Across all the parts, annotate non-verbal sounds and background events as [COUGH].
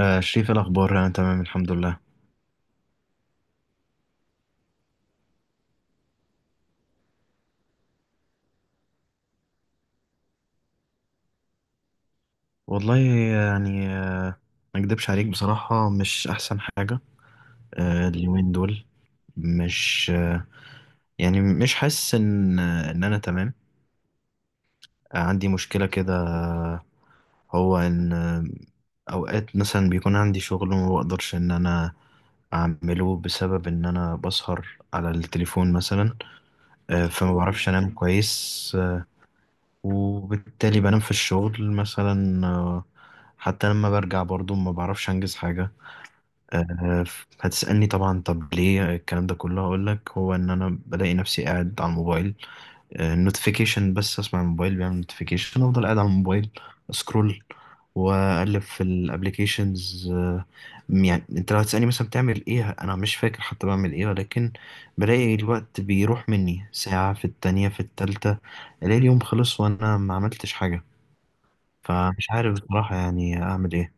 آه شريف، إيه الأخبار؟ أنا تمام الحمد لله. والله يعني آه ما أكدبش عليك، بصراحة مش أحسن حاجة. اليومين دول مش آه يعني مش حاسس إن أنا تمام. آه، عندي مشكلة كده. هو إن آه أوقات مثلا بيكون عندي شغل وما بقدرش إن أنا أعمله بسبب إن أنا بسهر على التليفون مثلا. آه، فما بعرفش أنام كويس. آه، وبالتالي بنام في الشغل مثلا. آه، حتى لما برجع برضو ما بعرفش أنجز حاجة. آه، هتسألني طبعا طب ليه الكلام ده كله؟ هقول لك، هو ان انا بلاقي نفسي قاعد على الموبايل. نوتيفيكيشن، بس اسمع الموبايل بيعمل نوتيفيكيشن افضل قاعد على الموبايل، اسكرول، واقلب في الابليكيشنز. يعني انت لو هتسألني مثلا بتعمل ايه، انا مش فاكر حتى بعمل ايه، ولكن بلاقي الوقت بيروح مني، ساعة في التانية في التالتة، الاقي اليوم خلص وانا ما عملتش حاجة. فمش عارف بصراحة يعني اعمل ايه.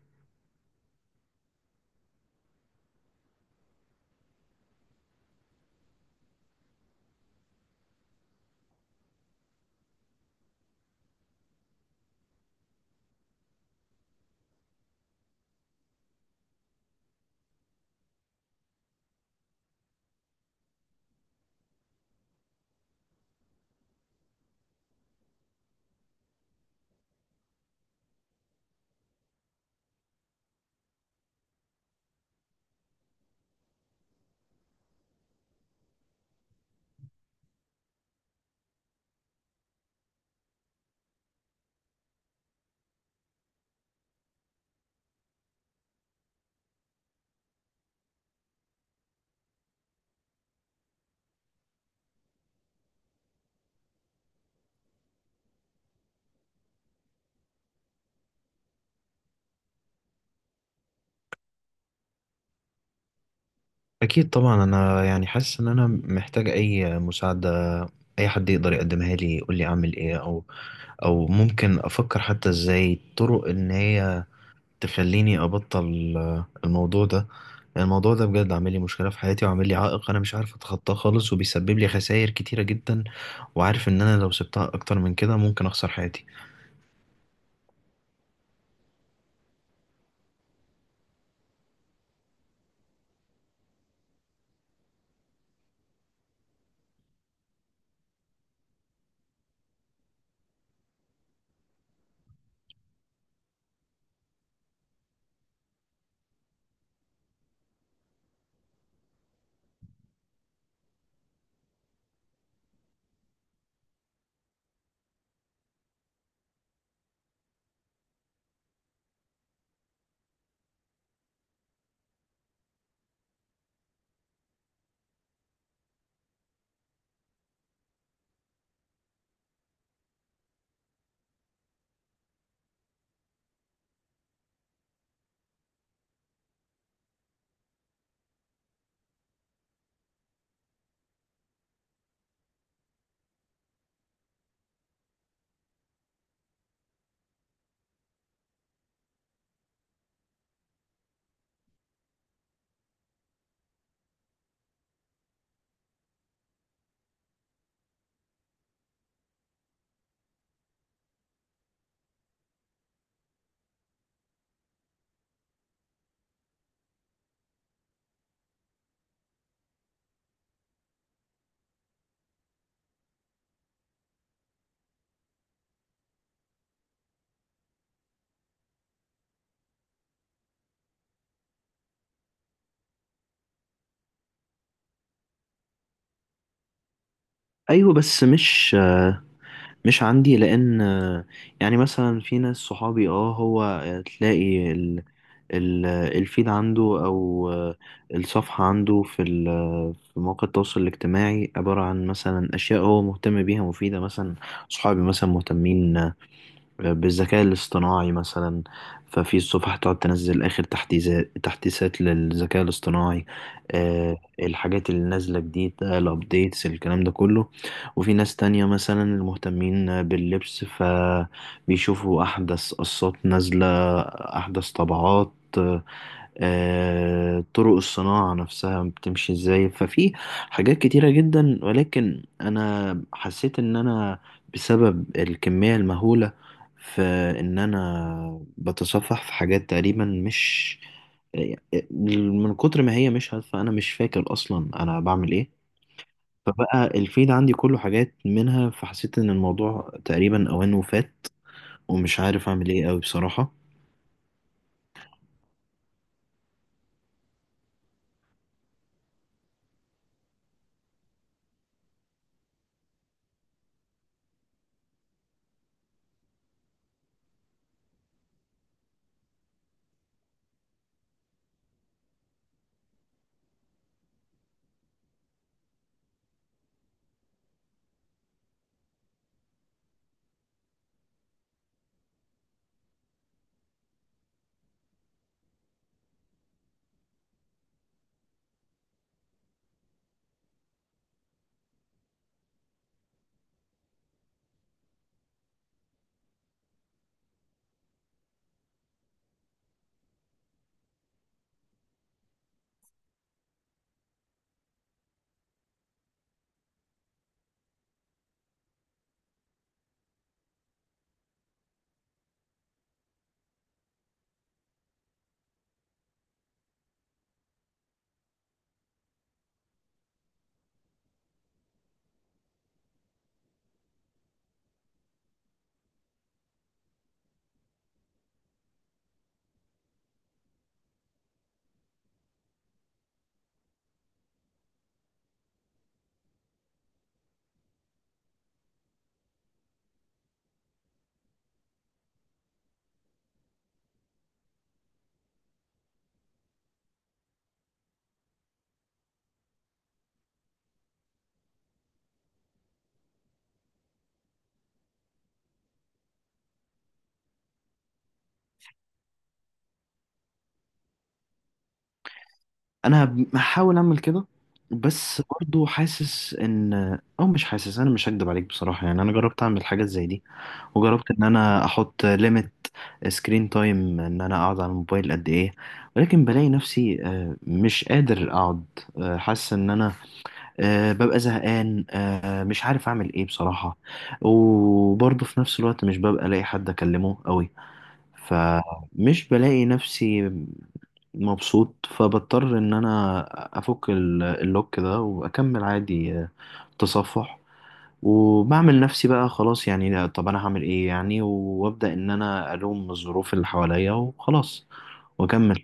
أكيد طبعا، أنا يعني حاسس إن أنا محتاج أي مساعدة، أي حد يقدر يقدمها لي يقول لي أعمل إيه، أو أو ممكن أفكر حتى إزاي طرق إن هي تخليني أبطل آه، الموضوع ده. يعني الموضوع ده بجد عامل لي مشكلة في حياتي وعامل لي عائق أنا مش عارف أتخطاه خالص، وبيسبب لي خسائر كتيرة جدا، وعارف إن أنا لو سبتها أكتر من كده ممكن أخسر حياتي. ايوه بس مش آه، مش عندي لان يعني مثلا في ناس صحابي، اه هو تلاقي ال- الفيد عنده او آه، الصفحة عنده في في مواقع التواصل الاجتماعي، عبارة عن مثلا اشياء هو مهتم بيها مفيدة مثلا. صحابي مثلا مهتمين بالذكاء الاصطناعي مثلا، ففي الصفحة تقعد تنزل آخر تحديثات للذكاء الاصطناعي. آه الحاجات اللي نازلة جديد، الأبديتس الكلام ده كله. وفي ناس تانية مثلا المهتمين باللبس، فبيشوفوا أحدث قصات نازلة، أحدث طبعات، آه، طرق الصناعة نفسها بتمشي ازاي. ففي حاجات كتيرة جدا، ولكن أنا حسيت إن أنا بسبب الكمية المهولة في ان انا بتصفح في حاجات تقريبا مش، من كتر ما هي مش هادفة انا مش فاكر اصلا انا بعمل ايه. فبقى الفيد عندي كله حاجات منها، فحسيت ان الموضوع تقريبا اوانه فات، ومش عارف اعمل ايه قوي بصراحة. انا بحاول اعمل كده، بس برضو حاسس ان، او مش حاسس انا مش هكدب عليك بصراحة، يعني انا جربت اعمل حاجات زي دي، وجربت ان انا احط ليميت سكرين تايم ان انا اقعد على الموبايل قد ايه، ولكن بلاقي نفسي آه، مش قادر اقعد. آه، حاسس ان انا آه، ببقى زهقان. آه، مش عارف اعمل ايه بصراحة. وبرضه في نفس الوقت مش ببقى الاقي حد اكلمه قوي، فمش بلاقي نفسي مبسوط، فبضطر ان انا افك اللوك ده واكمل عادي آه، تصفح. وبعمل نفسي بقى، خلاص يعني، لا، طب انا هعمل ايه يعني، وابدا ان انا الوم الظروف اللي حواليا وخلاص واكمل.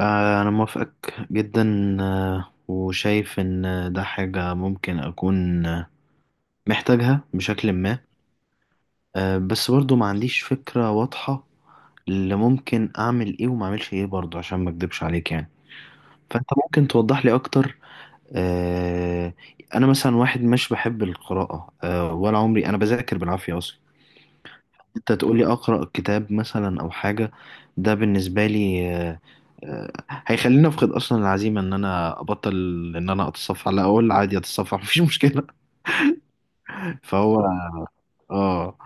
آه، انا موافقك جدا آه، وشايف ان ده حاجة ممكن اكون آه، محتاجها بشكل ما. آه، بس برضو ما عنديش فكرة واضحة اللي ممكن اعمل ايه وما اعملش ايه، برضو عشان ما اكدبش عليك يعني. فانت ممكن توضح لي اكتر؟ آه، انا مثلا واحد مش بحب القراءة آه، ولا عمري انا بذاكر بالعافية اصلا. انت تقولي اقرا كتاب مثلا او حاجه، ده بالنسبه لي هيخليني افقد اصلا العزيمه ان انا ابطل ان انا اتصفح، لا اقول عادي اتصفح مفيش مشكله. [LAUGHS] فهو اه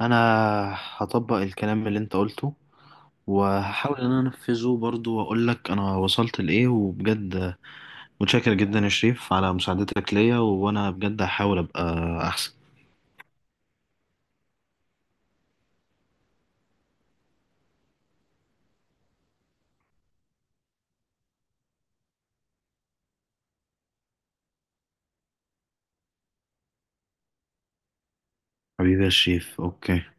انا هطبق الكلام اللي انت قلته، وهحاول ان انا انفذه برضو واقول لك انا وصلت لايه. وبجد متشكر جدا يا شريف على مساعدتك ليا، وانا بجد هحاول ابقى احسن. حبيبي يا شريف، اوكي.